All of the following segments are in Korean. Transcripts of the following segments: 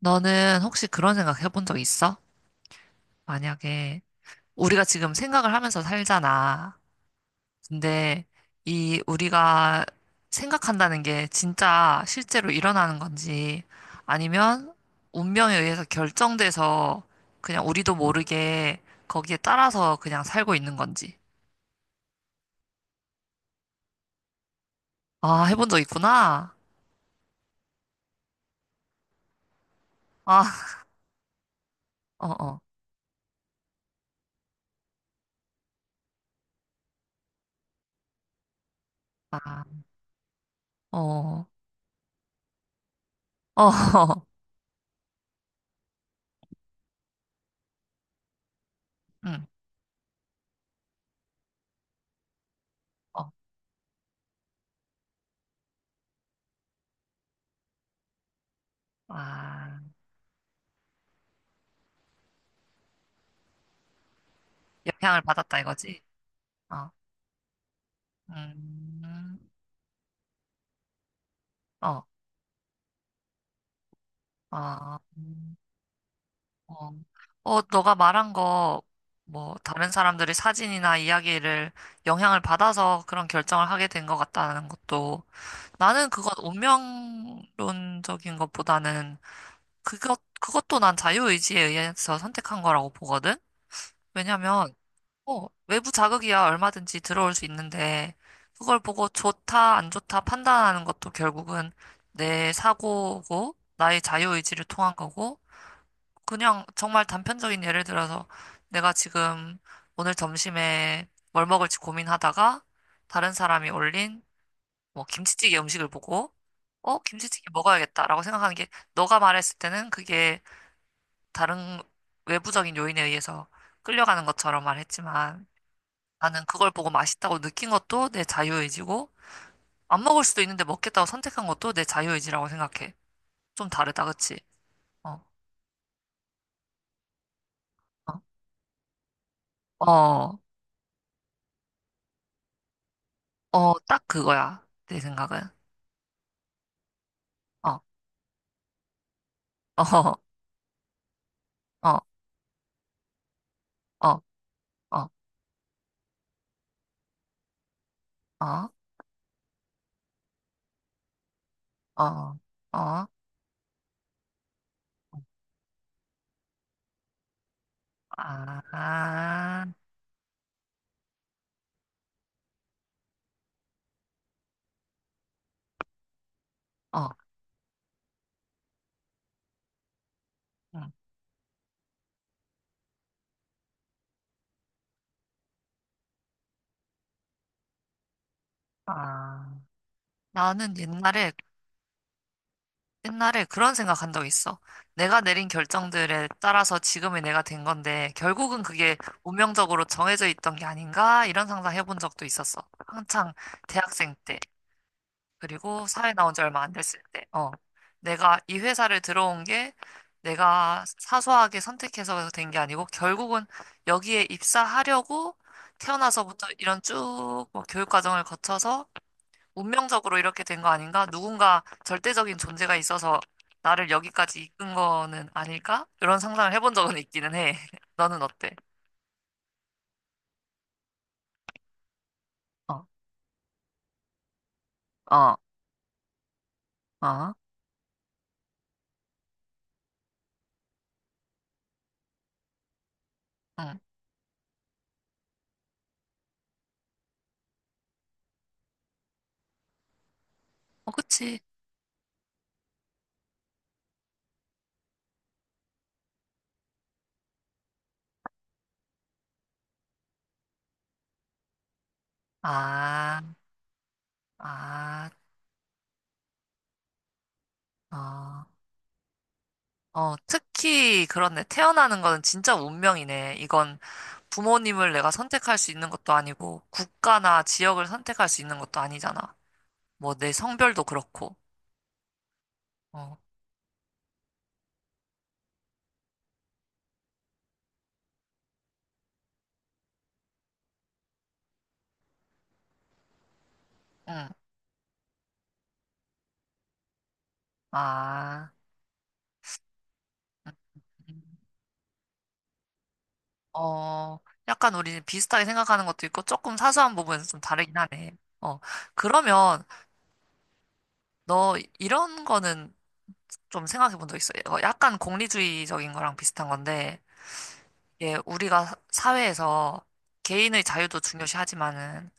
너는 혹시 그런 생각 해본 적 있어? 만약에 우리가 지금 생각을 하면서 살잖아. 근데 이 우리가 생각한다는 게 진짜 실제로 일어나는 건지, 아니면 운명에 의해서 결정돼서 그냥 우리도 모르게 거기에 따라서 그냥 살고 있는 건지. 아, 해본 적 있구나. 아, 어어. 아, 어, 어, 응, 어. 아, 영향을 받았다 이거지. 어. 음. 어, 아, 어. 너가 말한 거, 뭐, 다른 사람들이 사진이나 이야기를 영향을 받아서 그런 결정을 하게 된 것 같다는 것도, 나는 그건 운명론적인 것보다는, 그것도 난 자유의지에 의해서 선택한 거라고 보거든? 왜냐면, 외부 자극이야 얼마든지 들어올 수 있는데, 그걸 보고 좋다, 안 좋다 판단하는 것도 결국은 내 사고고, 나의 자유의지를 통한 거고, 그냥 정말 단편적인 예를 들어서 내가 지금 오늘 점심에 뭘 먹을지 고민하다가 다른 사람이 올린 뭐 김치찌개 음식을 보고 김치찌개 먹어야겠다라고 생각하는 게, 너가 말했을 때는 그게 다른 외부적인 요인에 의해서 끌려가는 것처럼 말했지만 나는 그걸 보고 맛있다고 느낀 것도 내 자유의지고 안 먹을 수도 있는데 먹겠다고 선택한 것도 내 자유의지라고 생각해. 좀 다르다, 그치? 어, 어, 어, 어, 딱 그거야. 내 생각은. 어, 어 어, 어, 어, 어, 어, 어, 아, 어, 응, 아. 나는 옛날에 그런 생각한 적 있어. 내가 내린 결정들에 따라서 지금의 내가 된 건데, 결국은 그게 운명적으로 정해져 있던 게 아닌가? 이런 상상 해본 적도 있었어. 한창 대학생 때. 그리고 사회 나온 지 얼마 안 됐을 때, 내가 이 회사를 들어온 게 내가 사소하게 선택해서 된 게 아니고 결국은 여기에 입사하려고 태어나서부터 이런 쭉뭐 교육 과정을 거쳐서 운명적으로 이렇게 된 거 아닌가? 누군가 절대적인 존재가 있어서 나를 여기까지 이끈 거는 아닐까? 이런 상상을 해본 적은 있기는 해. 너는 어때? 어, 어, 어, 응. 어, 그치. 아, 아, 어. 어, 특히 그렇네. 태어나는 거는 진짜 운명이네. 이건 부모님을 내가 선택할 수 있는 것도 아니고, 국가나 지역을 선택할 수 있는 것도 아니잖아. 뭐, 내 성별도 그렇고. 어, 응. 아, 어, 약간 우리 비슷하게 생각하는 것도 있고, 조금 사소한 부분에서 좀 다르긴 하네. 어, 그러면 너 이런 거는 좀 생각해 본 적 있어? 어, 약간 공리주의적인 거랑 비슷한 건데, 예, 우리가 사회에서 개인의 자유도 중요시하지만은,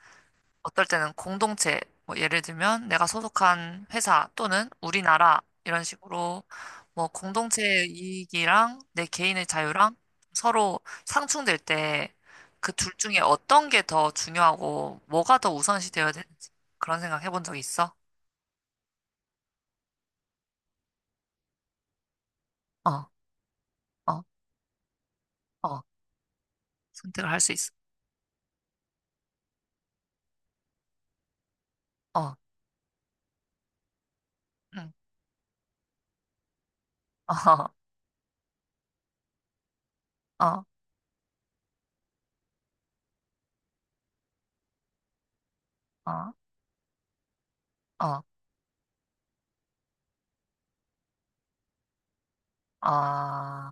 어떨 때는 공동체, 뭐 예를 들면 내가 소속한 회사 또는 우리나라 이런 식으로 뭐 공동체의 이익이랑 내 개인의 자유랑 서로 상충될 때 그 둘 중에 어떤 게 더 중요하고 뭐가 더 우선시 되어야 되는지 그런 생각 해본 적 있어? 어, 어, 어, 선택을 할 수 있어. 어, 응, 어, 어, 어, 어, 아,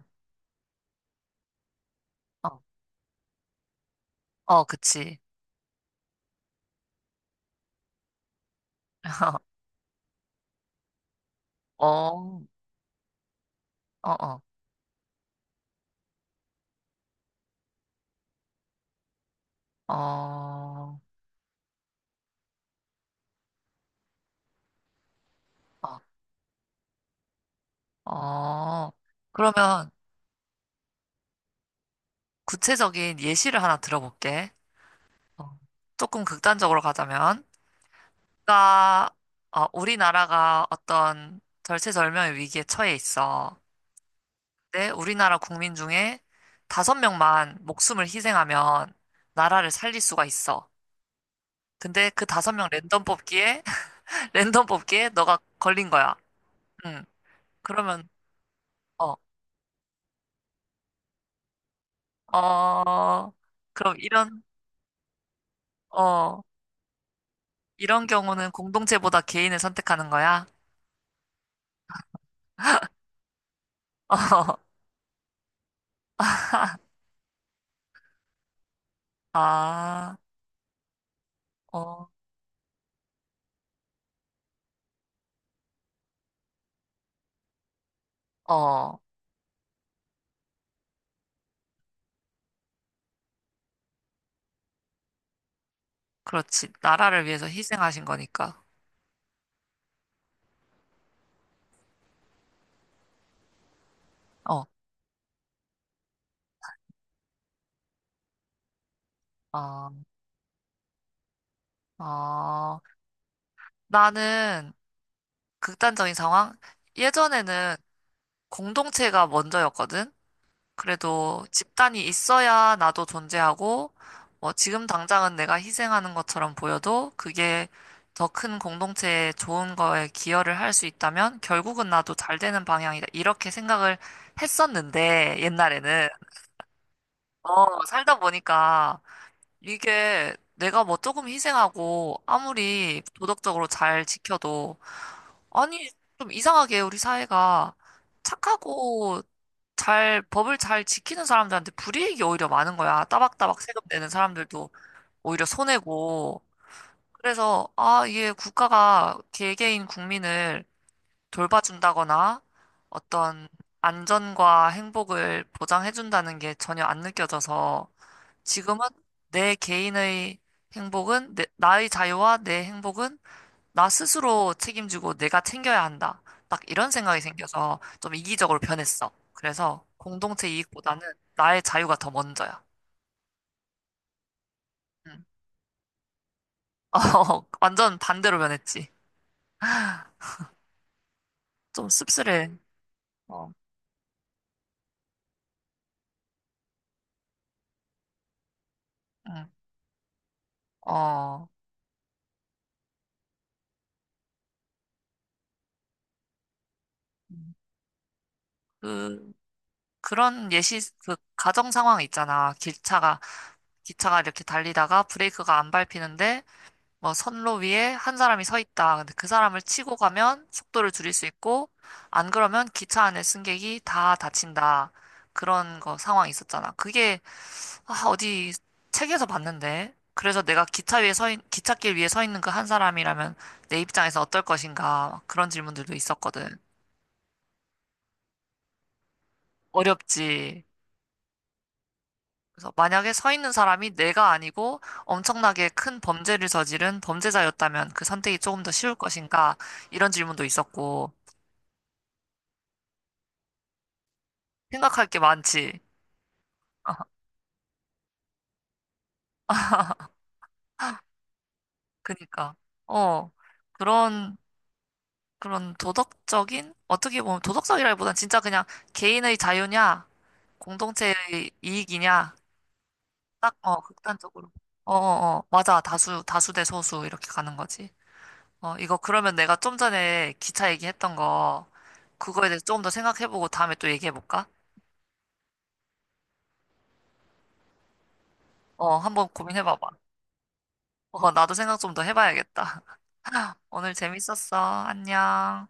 어, 어, 어, 그치. 어, 어, 어, 어, 어. 어, 그러면 구체적인 예시를 하나 들어볼게. 어, 조금 극단적으로 가자면, 나, 어, 우리나라가 어떤 절체절명의 위기에 처해 있어. 근데 우리나라 국민 중에 5명만 목숨을 희생하면 나라를 살릴 수가 있어. 근데 그 5명 랜덤 뽑기에, 랜덤 뽑기에 너가 걸린 거야. 응. 그러면, 어, 어, 그럼 이런, 어, 이런 경우는 공동체보다 개인을 선택하는 거야? 어, 아, 어, 어, 그렇지. 나라를 위해서 희생하신 거니까. 어, 어, 아, 나는 극단적인 상황? 예전에는 공동체가 먼저였거든? 그래도 집단이 있어야 나도 존재하고, 뭐 지금 당장은 내가 희생하는 것처럼 보여도 그게 더 큰 공동체에 좋은 거에 기여를 할 수 있다면 결국은 나도 잘 되는 방향이다. 이렇게 생각을 했었는데, 옛날에는. 어, 살다 보니까 이게 내가 뭐 조금 희생하고 아무리 도덕적으로 잘 지켜도, 아니, 좀 이상하게 우리 사회가 착하고 잘, 법을 잘 지키는 사람들한테 불이익이 오히려 많은 거야. 따박따박 세금 내는 사람들도 오히려 손해고. 그래서, 아, 이게 국가가 개개인 국민을 돌봐준다거나 어떤 안전과 행복을 보장해준다는 게 전혀 안 느껴져서 지금은 내 개인의 행복은, 내, 나의 자유와 내 행복은 나 스스로 책임지고 내가 챙겨야 한다. 딱 이런 생각이 생겨서 좀 이기적으로 변했어. 그래서 공동체 이익보다는 나의 자유가 더 먼저야. 응. 어, 완전 반대로 변했지. 좀 씁쓸해. 어, 응. 어, 음. 그, 그런 예시, 그 가정 상황 있잖아. 기차가 이렇게 달리다가 브레이크가 안 밟히는데 막 선로 위에 한 사람이 서 있다. 근데 그 사람을 치고 가면 속도를 줄일 수 있고, 안 그러면 기차 안에 승객이 다 다친다. 그런 거 상황이 있었잖아. 그게, 아, 어디 책에서 봤는데. 그래서 내가 기차 위에 서, 있, 기찻길 위에 서 있는 그 한 사람이라면 내 입장에서 어떨 것인가. 막 그런 질문들도 있었거든. 어렵지. 그래서 만약에 서 있는 사람이 내가 아니고 엄청나게 큰 범죄를 저지른 범죄자였다면 그 선택이 조금 더 쉬울 것인가. 이런 질문도 있었고. 생각할 게 많지. 그니까. 어, 그런, 그런, 도덕적인? 어떻게 보면 도덕적이라기보단 진짜 그냥 개인의 자유냐, 공동체의 이익이냐, 딱, 어, 극단적으로. 어, 어, 어, 맞아. 다수 대 소수 이렇게 가는 거지. 어, 이거 그러면 내가 좀 전에 기차 얘기했던 거, 그거에 대해서 조금 더 생각해보고 다음에 또 얘기해볼까? 어, 한번 고민해봐봐. 어, 나도 생각 좀 더 해봐야겠다. 오늘 재밌었어. 안녕.